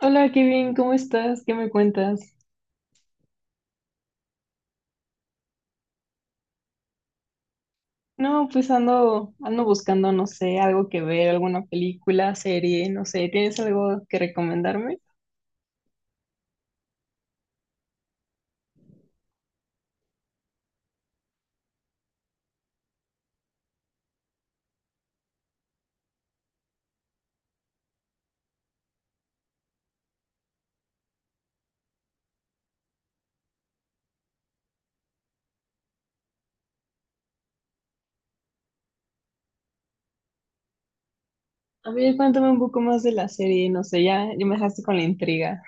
Hola, qué bien, ¿cómo estás? ¿Qué me cuentas? No, pues ando buscando, no sé, algo que ver, alguna película, serie, no sé, ¿tienes algo que recomendarme? A ver, cuéntame un poco más de la serie, no sé, ya me dejaste con la intriga.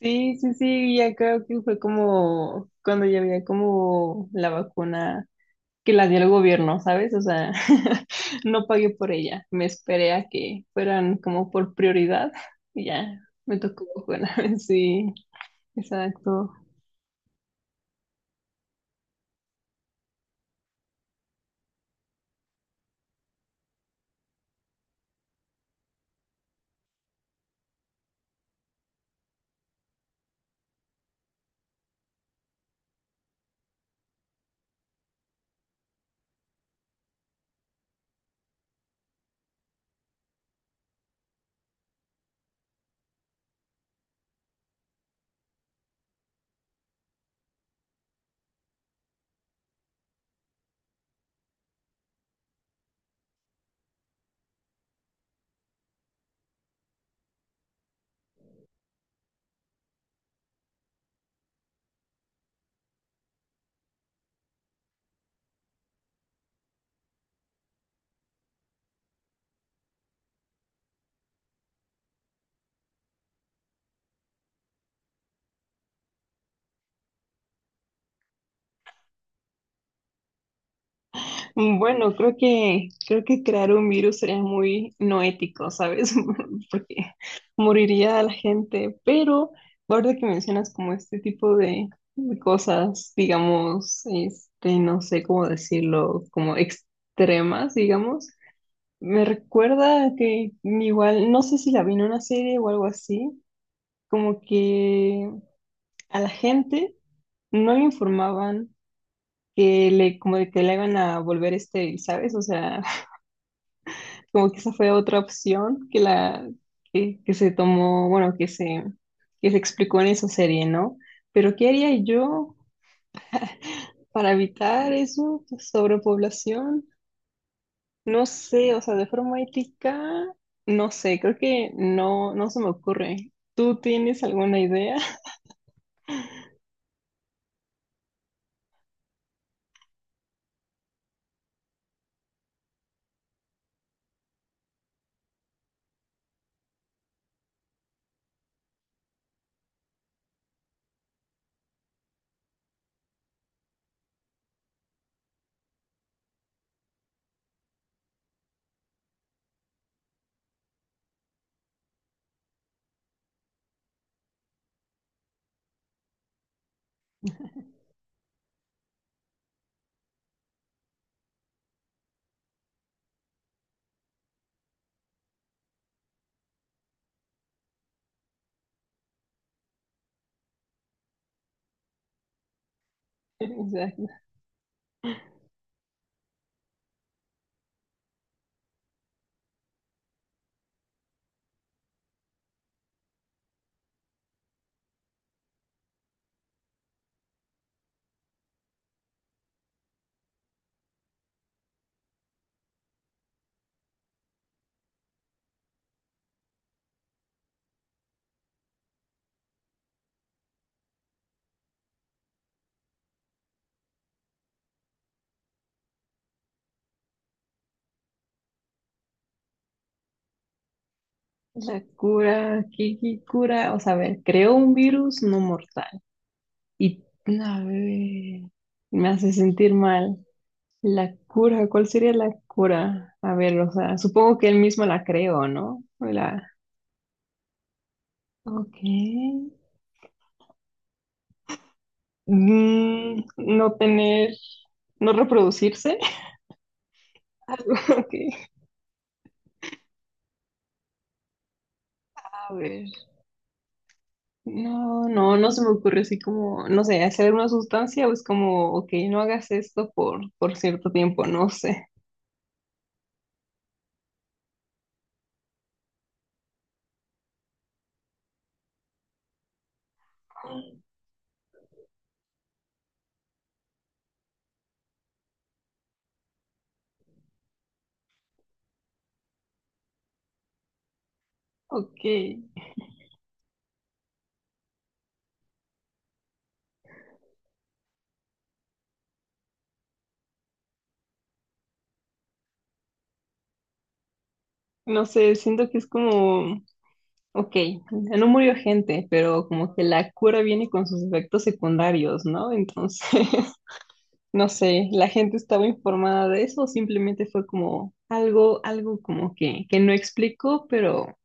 Sí, sí, sí, ya creo que fue como cuando ya había como la vacuna que la dio el gobierno, ¿sabes? O sea, no pagué por ella, me esperé a que fueran como por prioridad y ya, me tocó vacuna, sí, exacto. Mm, bueno, creo que crear un virus sería muy no ético, ¿sabes? Porque moriría a la gente, pero ahora que mencionas como este tipo de cosas, digamos, este, no sé cómo decirlo, como extremas, digamos, me recuerda que igual, no sé si la vi en una serie o algo así, como que a la gente no le informaban que le, como de que le iban a volver estéril, ¿sabes? O sea, como que esa fue otra opción que se tomó, bueno, que se explicó en esa serie, ¿no? Pero ¿qué haría yo para evitar eso? Pues, sobrepoblación, no sé, o sea, de forma ética, no sé, creo que no, no se me ocurre. ¿Tú tienes alguna idea? O sea, la cura, ¿qué, qué cura? O sea, a ver, creó un virus no mortal. Y, a ver, me hace sentir mal. La cura, ¿cuál sería la cura? A ver, o sea, supongo que él mismo la creó, ¿no? O la... Ok. Mm, no tener, no reproducirse. Algo, ok. A ver. No, no, no se me ocurre así como, no sé, hacer una sustancia o es como, ok, no hagas esto por cierto tiempo, no sé. Ok. No sé, siento que es como. Ok, no murió gente, pero como que la cura viene con sus efectos secundarios, ¿no? Entonces, no sé, ¿la gente estaba informada de eso o simplemente fue como algo, algo como que no explicó, pero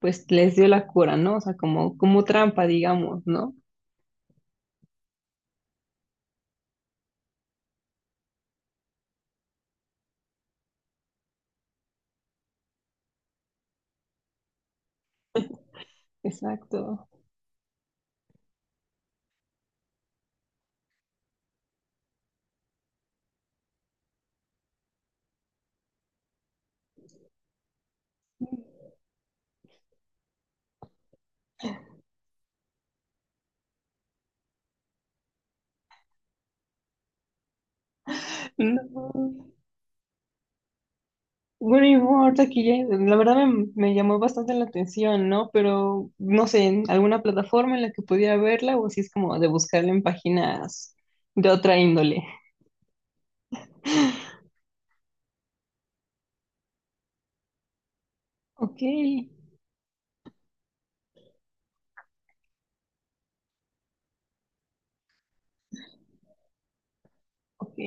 pues les dio la cura, ¿no? O sea, como, como trampa, digamos, ¿no? Exacto. No. Bueno, y bueno, ahorita que ya- la verdad me, me llamó bastante la atención, ¿no? Pero no sé, en alguna plataforma en la que pudiera verla o si es como de buscarla en páginas de otra índole. Ok, ok.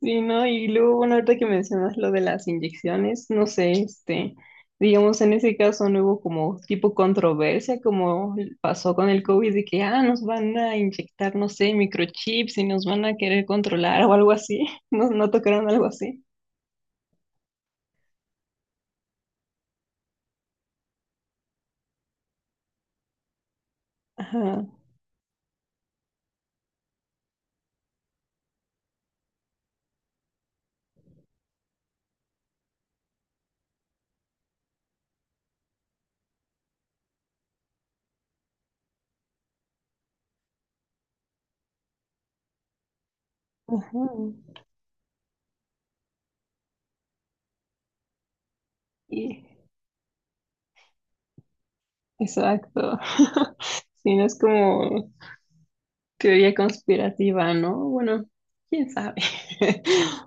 Sí, ¿no? Y luego, bueno, ahorita que mencionas lo de las inyecciones, no sé, este, digamos, en ese caso no hubo como tipo controversia como pasó con el COVID de que, ah, nos van a inyectar, no sé, microchips y nos van a querer controlar o algo así. ¿No, no tocaron algo así? Ajá. Ajá, y- exacto. Si no es como teoría conspirativa, ¿no? Bueno, quién sabe.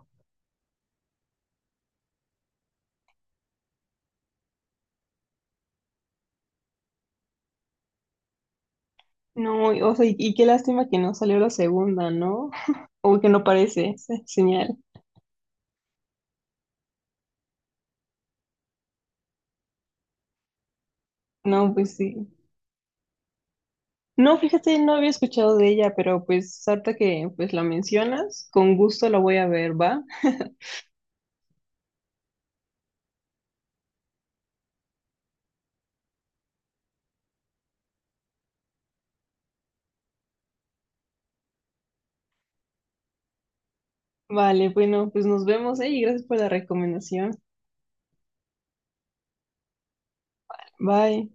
No, y- o sea, y qué lástima que no salió la segunda, ¿no? O que no parece esa señal. No, pues sí. No, fíjate, no había escuchado de ella, pero pues ahorita que pues la mencionas, con gusto la voy a ver, ¿va? Vale, bueno, pues nos vemos, ¿eh? Y gracias por la recomendación. Bye.